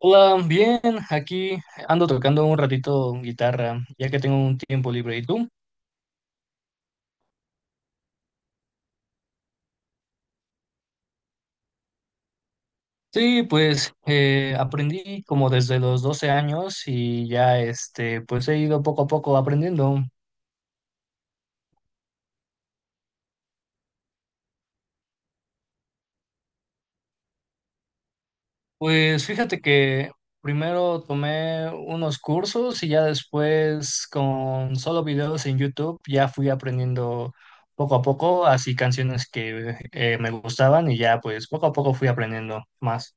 Hola, bien, aquí ando tocando un ratito guitarra, ya que tengo un tiempo libre. ¿Y tú? Sí, pues aprendí como desde los 12 años y ya este, pues he ido poco a poco aprendiendo. Pues fíjate que primero tomé unos cursos y ya después con solo videos en YouTube ya fui aprendiendo poco a poco, así canciones que me gustaban y ya pues poco a poco fui aprendiendo más.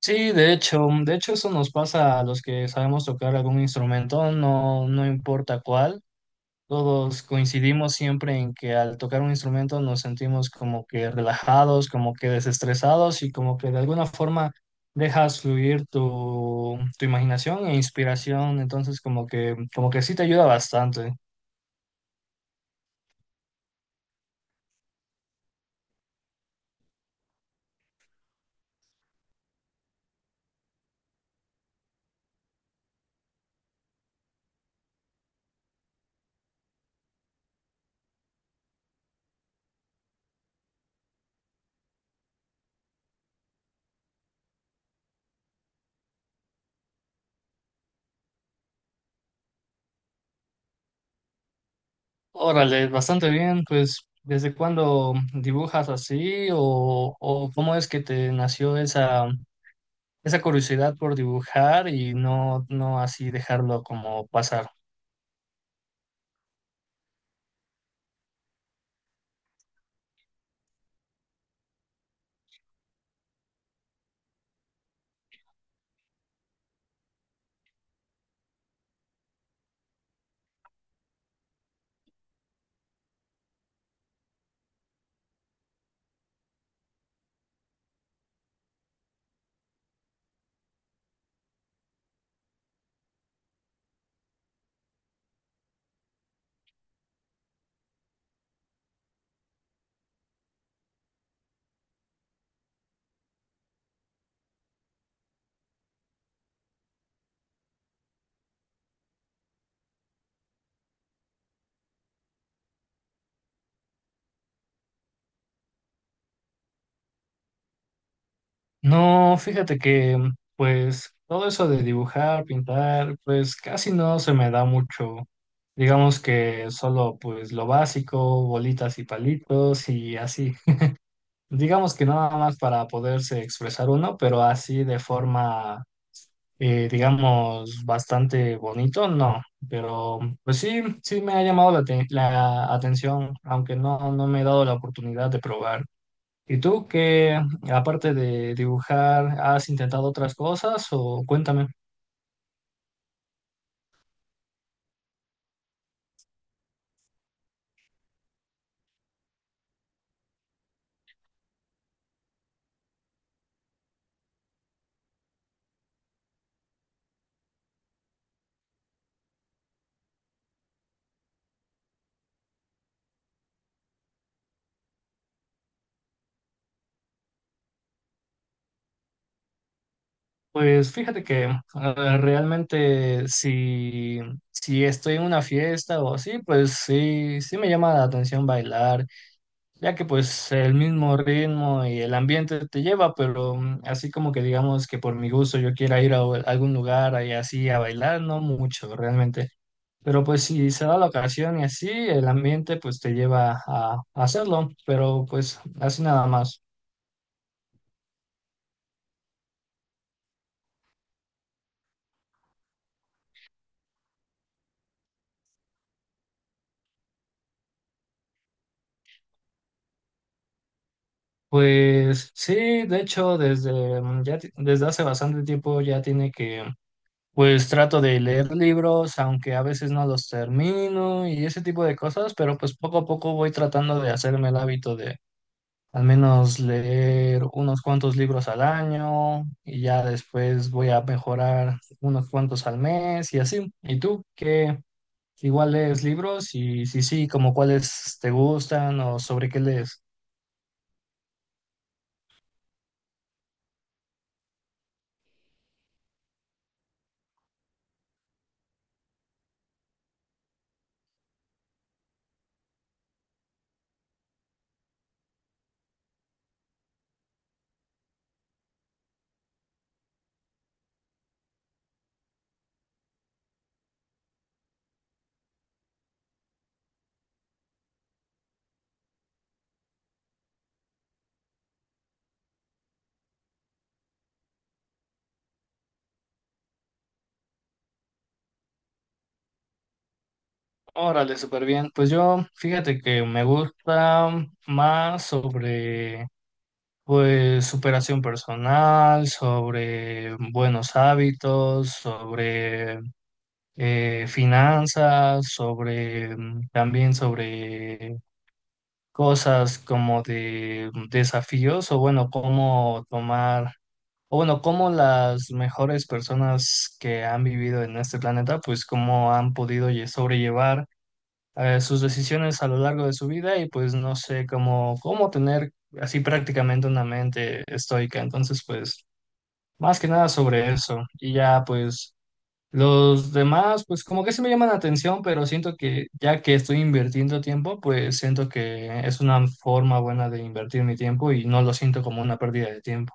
Sí, de hecho, de hecho eso nos pasa a los que sabemos tocar algún instrumento, no, no importa cuál. Todos coincidimos siempre en que al tocar un instrumento nos sentimos como que relajados, como que desestresados y como que de alguna forma dejas fluir tu imaginación e inspiración. Entonces como que sí te ayuda bastante. Órale, bastante bien. Pues, ¿desde cuándo dibujas así o cómo es que te nació esa esa curiosidad por dibujar y no, no así dejarlo como pasar? No, fíjate que pues todo eso de dibujar, pintar, pues casi no se me da mucho. Digamos que solo pues lo básico, bolitas y palitos y así. Digamos que nada más para poderse expresar uno, pero así de forma digamos, bastante bonito, no, pero pues sí, sí me ha llamado la, la atención, aunque no, no me he dado la oportunidad de probar. ¿Y tú qué, aparte de dibujar, has intentado otras cosas o cuéntame? Pues fíjate que realmente si, si estoy en una fiesta o así, pues sí, sí me llama la atención bailar. Ya que pues el mismo ritmo y el ambiente te lleva, pero así como que digamos que por mi gusto yo quiera ir a algún lugar ahí así a bailar, no mucho realmente, pero pues si se da la ocasión y así, el ambiente pues te lleva a hacerlo, pero pues así nada más. Pues sí, de hecho, desde, ya, desde hace bastante tiempo ya tiene que, pues trato de leer libros, aunque a veces no los termino y ese tipo de cosas, pero pues poco a poco voy tratando de hacerme el hábito de al menos leer unos cuantos libros al año y ya después voy a mejorar unos cuantos al mes y así. ¿Y tú qué? Igual lees libros y si sí, como cuáles te gustan o sobre qué lees. Órale, súper bien. Pues yo, fíjate que me gusta más sobre, pues, superación personal, sobre buenos hábitos, sobre finanzas, sobre también sobre cosas como de desafíos o bueno, cómo tomar o bueno, cómo las mejores personas que han vivido en este planeta, pues cómo han podido sobrellevar sus decisiones a lo largo de su vida y pues no sé cómo tener así prácticamente una mente estoica. Entonces, pues más que nada sobre eso. Y ya pues los demás, pues como que sí me llaman la atención, pero siento que ya que estoy invirtiendo tiempo, pues siento que es una forma buena de invertir mi tiempo y no lo siento como una pérdida de tiempo.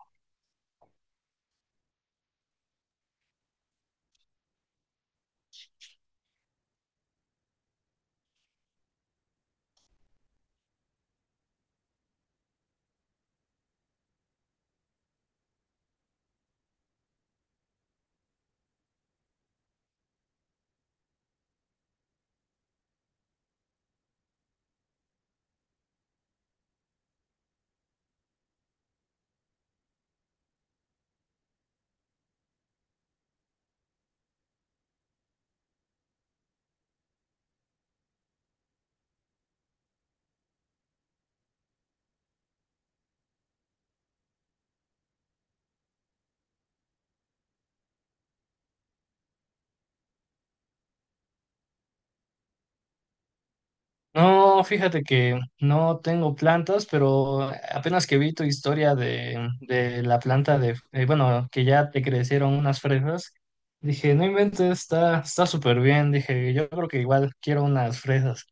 No, fíjate que no tengo plantas, pero apenas que vi tu historia de la planta de, bueno, que ya te crecieron unas fresas, dije, no inventes, está, está súper bien, dije, yo creo que igual quiero unas fresas,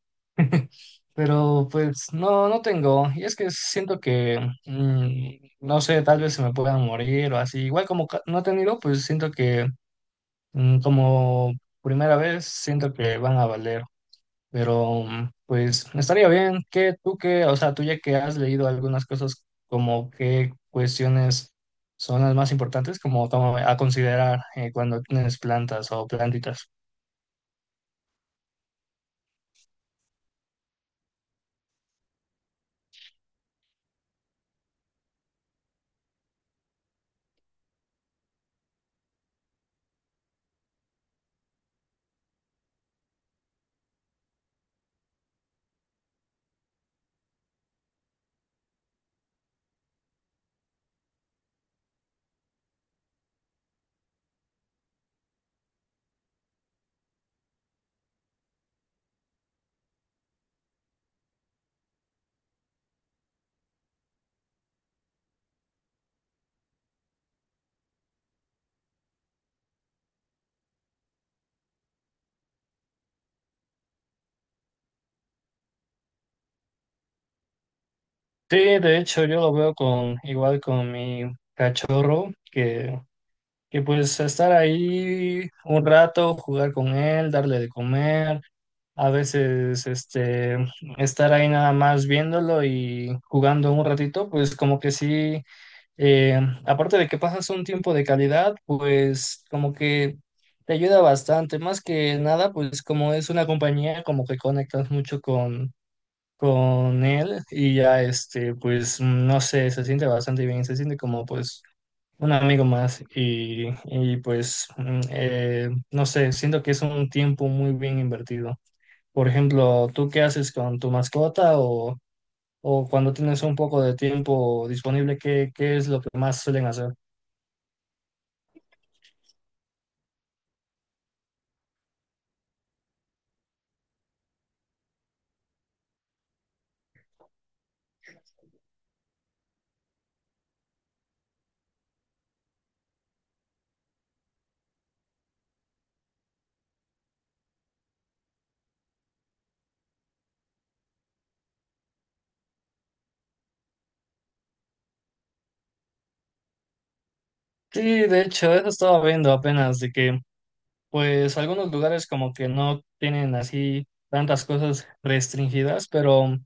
pero pues no, no tengo, y es que siento que, mm, no sé, tal vez se me puedan morir o así, igual como no he tenido, pues siento que como primera vez, siento que van a valer. Pero pues estaría bien que tú que, o sea, tú ya que has leído algunas cosas, como qué cuestiones son las más importantes, como a considerar cuando tienes plantas o plantitas. Sí, de hecho yo lo veo con igual con mi cachorro, que pues estar ahí un rato, jugar con él, darle de comer, a veces este estar ahí nada más viéndolo y jugando un ratito, pues como que sí, Eh, aparte de que pasas un tiempo de calidad, pues como que te ayuda bastante. Más que nada, pues como es una compañía, como que conectas mucho con él y ya este, pues no sé, se siente bastante bien, se siente como pues un amigo más y pues no sé, siento que es un tiempo muy bien invertido. Por ejemplo, ¿tú qué haces con tu mascota o cuando tienes un poco de tiempo disponible, qué, qué es lo que más suelen hacer? Sí, de hecho, eso estaba viendo apenas, de que pues algunos lugares como que no tienen así tantas cosas restringidas, pero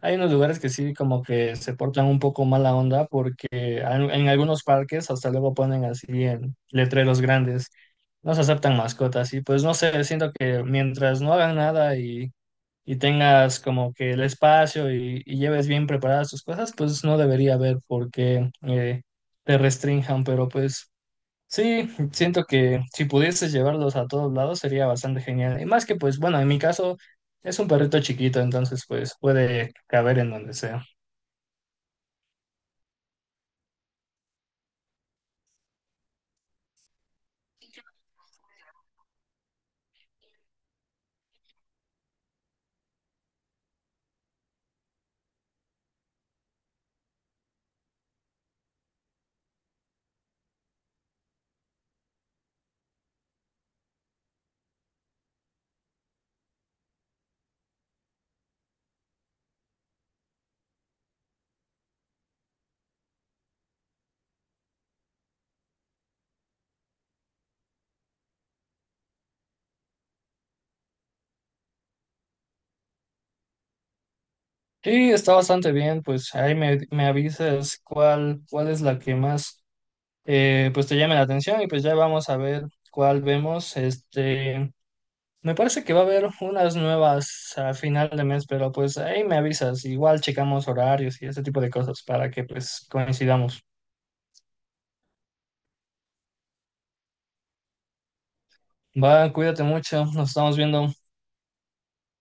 hay unos lugares que sí como que se portan un poco mala onda porque en algunos parques hasta luego ponen así en letreros grandes, no se aceptan mascotas y pues no sé, siento que mientras no hagan nada y, y tengas como que el espacio y lleves bien preparadas tus cosas, pues no debería haber por qué te restrinjan, pero pues... Sí, siento que si pudieses llevarlos a todos lados sería bastante genial. Y más que pues, bueno, en mi caso es un perrito chiquito, entonces pues puede caber en donde sea. Sí, está bastante bien, pues ahí me, me avisas cuál, cuál es la que más pues te llame la atención y pues ya vamos a ver cuál vemos. Este, me parece que va a haber unas nuevas a final de mes, pero pues ahí me avisas. Igual checamos horarios y ese tipo de cosas para que pues coincidamos. Va, cuídate mucho, nos estamos viendo.